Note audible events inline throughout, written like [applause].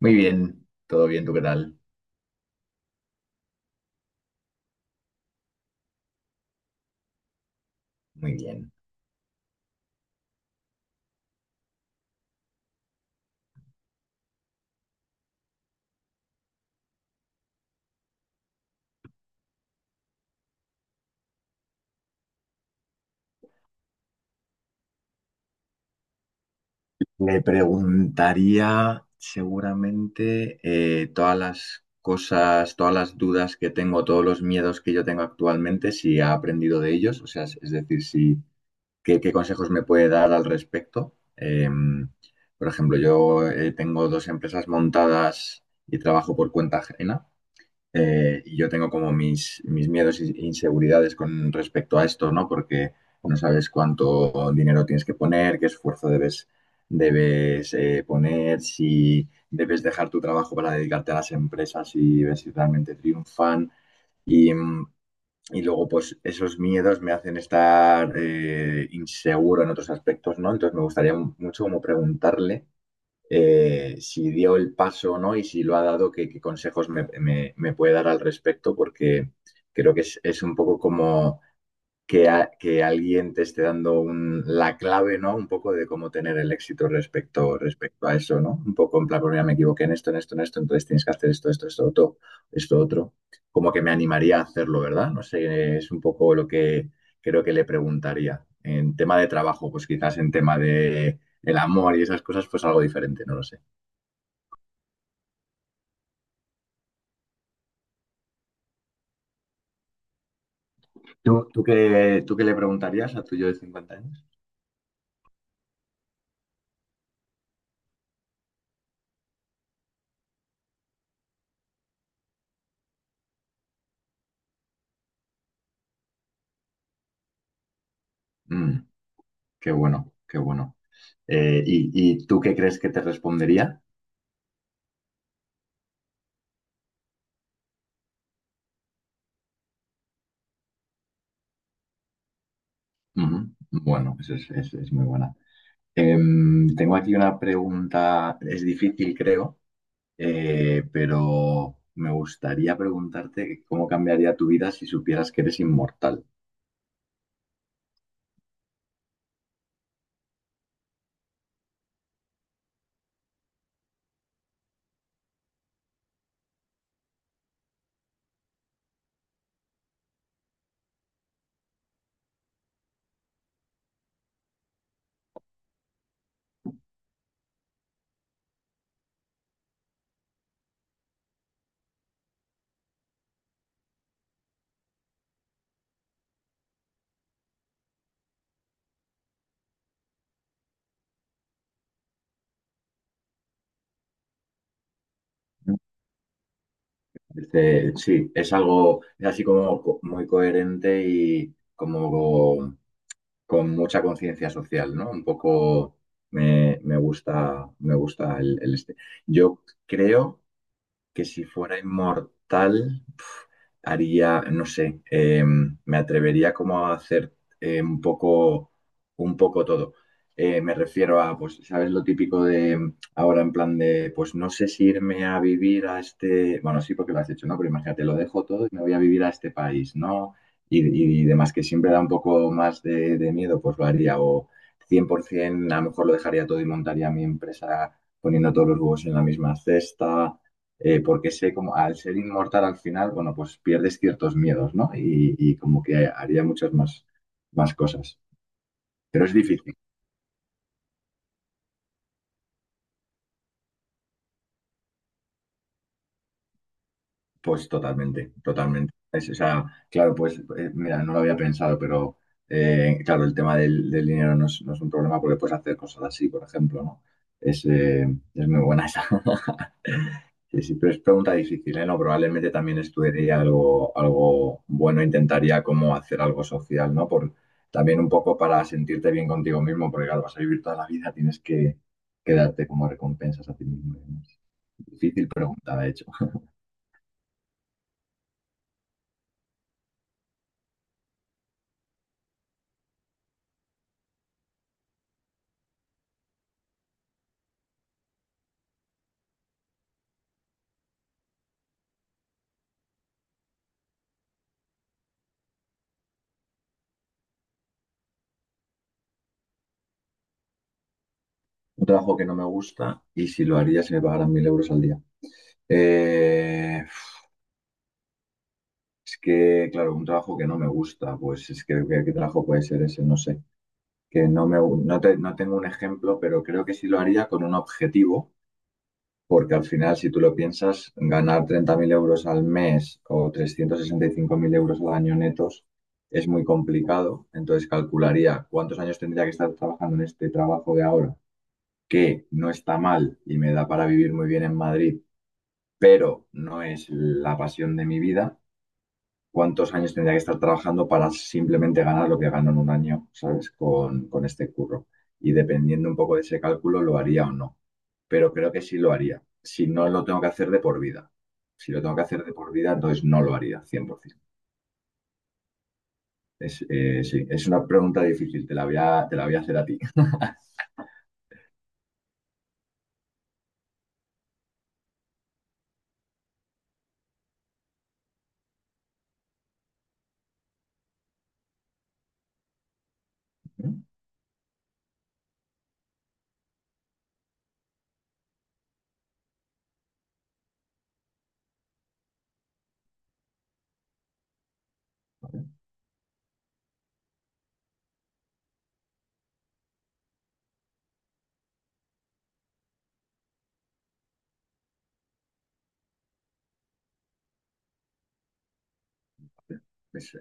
Muy bien, todo bien, ¿tú qué tal? Muy bien. Le preguntaría seguramente todas las cosas, todas las dudas que tengo, todos los miedos que yo tengo actualmente, si ha aprendido de ellos, o sea, es decir, si, qué consejos me puede dar al respecto. Por ejemplo, yo tengo dos empresas montadas y trabajo por cuenta ajena. Y yo tengo como mis miedos e inseguridades con respecto a esto, ¿no? Porque no sabes cuánto dinero tienes que poner, qué esfuerzo debes poner, si debes dejar tu trabajo para dedicarte a las empresas y ver si realmente triunfan. Y, mm, y luego, pues esos miedos me hacen estar inseguro en otros aspectos, ¿no? Entonces me gustaría mucho como preguntarle si dio el paso o no y si lo ha dado, qué consejos me puede dar al respecto, porque creo que es un poco como que, que alguien te esté dando la clave, ¿no? Un poco de cómo tener el éxito respecto a eso, ¿no? Un poco en plan, pues mira, me equivoqué en esto, en esto, en esto, entonces tienes que hacer esto, esto, esto, otro, esto, otro. Como que me animaría a hacerlo, ¿verdad? No sé, es un poco lo que creo que le preguntaría. En tema de trabajo, pues quizás en tema de el amor y esas cosas, pues algo diferente, no lo sé. Tú qué le preguntarías a tu yo de 50 años? Mm, qué bueno, qué bueno. ¿Y tú qué crees que te respondería? Ujú. Bueno, eso es muy buena. Tengo aquí una pregunta, es difícil creo, pero me gustaría preguntarte cómo cambiaría tu vida si supieras que eres inmortal. Este, sí, es algo, es así como muy coherente y como con mucha conciencia social, ¿no? Un poco me gusta el este. Yo creo que si fuera inmortal, pf, haría, no sé, me atrevería como a hacer eh, un poco, un poco todo. Me refiero a, pues, ¿sabes lo típico de ahora en plan de, pues no sé si irme a vivir a este, bueno, sí, porque lo has hecho, ¿no? Pero imagínate, lo dejo todo y me voy a vivir a este país, ¿no? Y, y demás, que siempre da un poco más de miedo, pues lo haría. O 100%, a lo mejor lo dejaría todo y montaría mi empresa poniendo todos los huevos en la misma cesta porque sé como al ser inmortal al final, bueno, pues pierdes ciertos miedos, ¿no? Y como que haría muchas más, más cosas. Pero es difícil. Pues totalmente, totalmente. Es, o sea, claro, pues mira, no lo había pensado, pero claro, el tema del dinero no es un problema porque puedes hacer cosas así, por ejemplo, ¿no? Es, eh, es muy buena esa. [laughs] Sí, sí, pero es pregunta difícil, ¿eh? No, probablemente también estudiaría algo, algo bueno, intentaría como hacer algo social, ¿no? Por, también un poco para sentirte bien contigo mismo, porque claro, vas a vivir toda la vida, tienes que darte como recompensas a ti mismo y demás. Difícil pregunta, de hecho. Un trabajo que no me gusta y si lo haría si me pagaran 1.000 euros al día. Eh, es que, claro, un trabajo que no me gusta, pues es que qué trabajo puede ser ese? No sé. Que no me, gu- no te- no tengo un ejemplo, pero creo que sí lo haría con un objetivo, porque al final, si tú lo piensas, ganar 30.000 euros al mes o 365.000 euros al año netos es muy complicado. Entonces calcularía cuántos años tendría que estar trabajando en este trabajo de ahora, que no está mal y me da para vivir muy bien en Madrid pero no es la pasión de mi vida. ¿Cuántos años tendría que estar trabajando para simplemente ganar lo que gano en un año, ¿sabes? Con este curro. Y dependiendo un poco de ese cálculo, lo haría o no. Pero creo que sí lo haría si no lo tengo que hacer de por vida. Si lo tengo que hacer de por vida, entonces no lo haría, 100%. Es, sí, es una pregunta difícil, te la voy a, te la voy a hacer a ti. [laughs] Vale, vale. Es,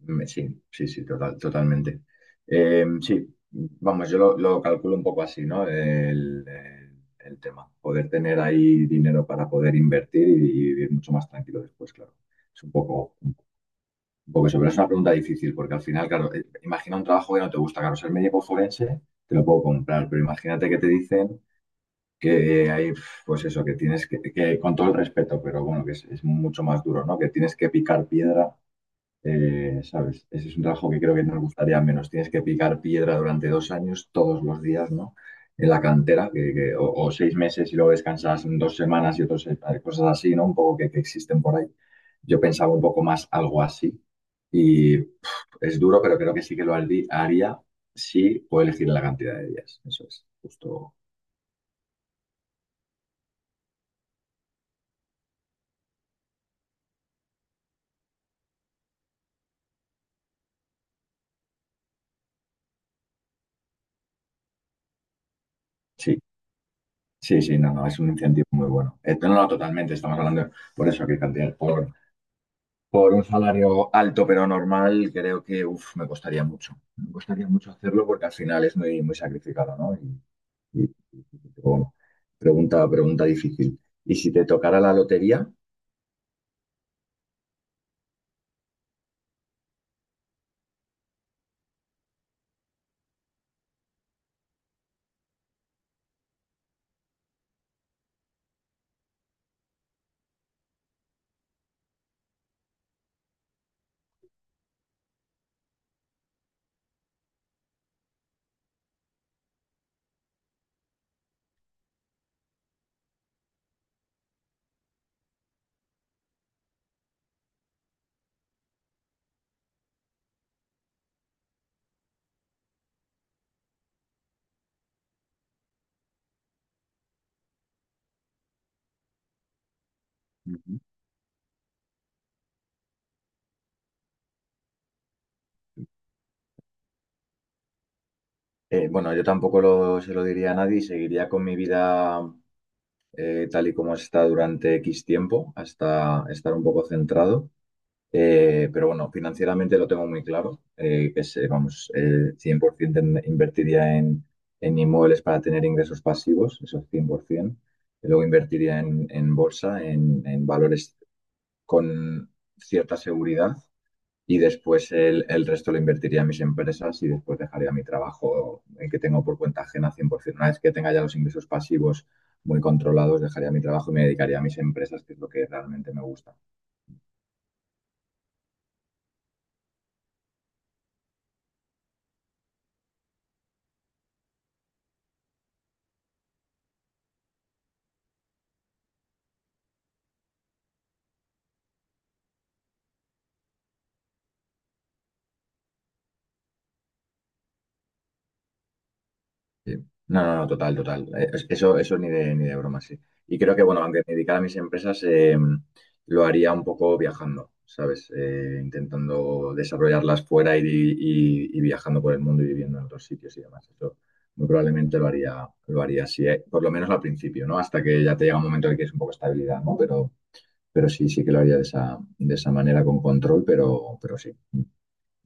mm, sí, sí, sí, total, totalmente. Sí, vamos, yo lo calculo un poco así, ¿no? El tema. Poder tener ahí dinero para poder invertir y vivir mucho más tranquilo después, claro. Es un poco eso, pero es una pregunta difícil, porque al final, claro, imagina un trabajo que no te gusta, claro, ser médico forense, te lo puedo comprar, pero imagínate que te dicen que hay, pues eso, que tienes que con todo el respeto, pero bueno, que es mucho más duro, ¿no? Que tienes que picar piedra ¿sabes? Ese es un trabajo que creo que nos gustaría menos. Tienes que picar piedra durante 2 años, todos los días, ¿no? En la cantera, que, o 6 meses y luego descansas 2 semanas y otras cosas así, ¿no? Un poco que existen por ahí. Yo pensaba un poco más algo así. Y es duro, pero creo que sí que haría si puedo elegir la cantidad de días. Eso es, justo. Sí, sí, sí, no, no, es un incentivo muy bueno. No, no, totalmente, estamos hablando por eso, que cantidad, por un salario alto pero normal, creo que uf, me costaría mucho. Me costaría mucho hacerlo porque al final es muy, muy sacrificado, ¿no? Y, pero bueno, pregunta, pregunta difícil. Y si te tocara la lotería, ujú. Bueno, yo tampoco se lo diría a nadie y seguiría con mi vida tal y como está durante X tiempo, hasta estar un poco centrado. Pero bueno, financieramente lo tengo muy claro, que es, vamos, 100% invertiría en inmuebles para tener ingresos pasivos, eso es 100%. Y luego invertiría en bolsa, en valores con cierta seguridad y después el resto lo invertiría en mis empresas y después dejaría mi trabajo, el que tengo por cuenta ajena, 100%. Una vez que tenga ya los ingresos pasivos muy controlados, dejaría mi trabajo y me dedicaría a mis empresas, que es lo que realmente me gusta. Sí. No, no, no, total, total. Es- eso, eso ni de, ni de broma, sí. Y creo que, bueno, aunque me dedicara a mis empresas, lo haría un poco viajando, ¿sabes? Intentando desarrollarlas fuera y viajando por el mundo y viviendo en otros sitios y demás. Eso muy probablemente lo haría así, por lo menos al principio, ¿no? Hasta que ya te llega un momento en el que es un poco estabilidad, ¿no? Pero sí, sí que lo haría de esa manera, con control, pero sí.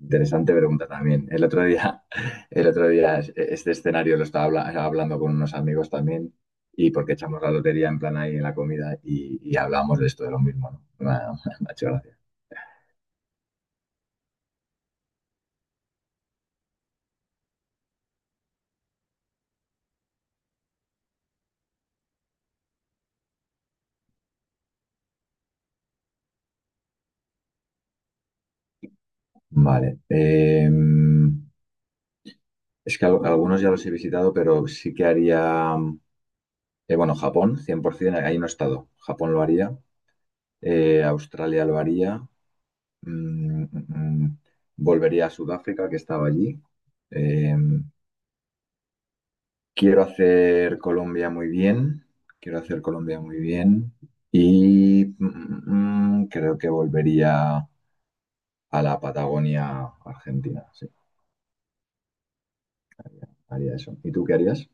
Interesante pregunta también. El otro día, [laughs] el otro día este escenario lo estaba hablando con unos amigos también y porque echamos la lotería en plan ahí en la comida y hablamos de esto, de lo mismo, ¿no? [laughs] Me ha hecho gracia. Vale. Es que algunos ya los he visitado, pero sí que haría, bueno, Japón, 100%, ahí no he estado. Japón lo haría, Australia lo haría, mm, mm, mm, volvería a Sudáfrica, que estaba allí. em, Quiero hacer Colombia muy bien, quiero hacer Colombia muy bien y creo que volvería a la Patagonia Argentina, sí, haría eso. ¿Y tú qué harías?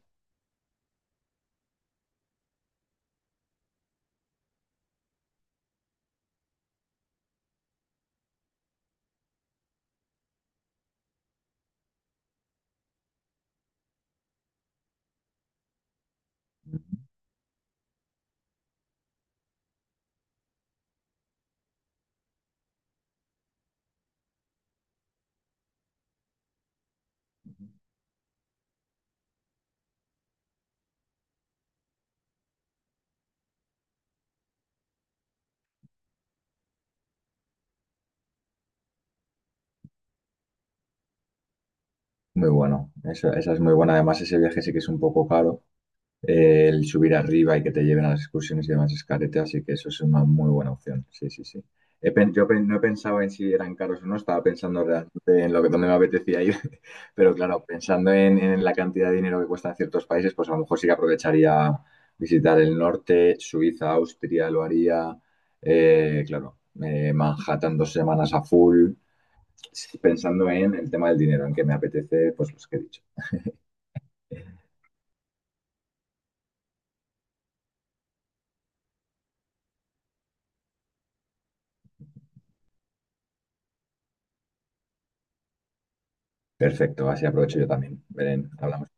Muy bueno, esa es muy buena, además ese viaje sí que es un poco caro, el subir arriba y que te lleven a las excursiones y demás es carete, así que eso es una muy buena opción. Sí, sí, sí. He pen- yo pen- no he pensado en si eran caros o no, estaba pensando realmente en lo que donde me apetecía ir, [laughs] pero claro, pensando en la cantidad de dinero que cuestan ciertos países, pues a lo mejor sí que aprovecharía visitar el norte, Suiza, Austria, lo haría, claro, Manhattan 2 semanas a full, sí, pensando en el tema del dinero, en que me apetece, pues los que he dicho. Perfecto, así aprovecho yo también. Belén, hablamos.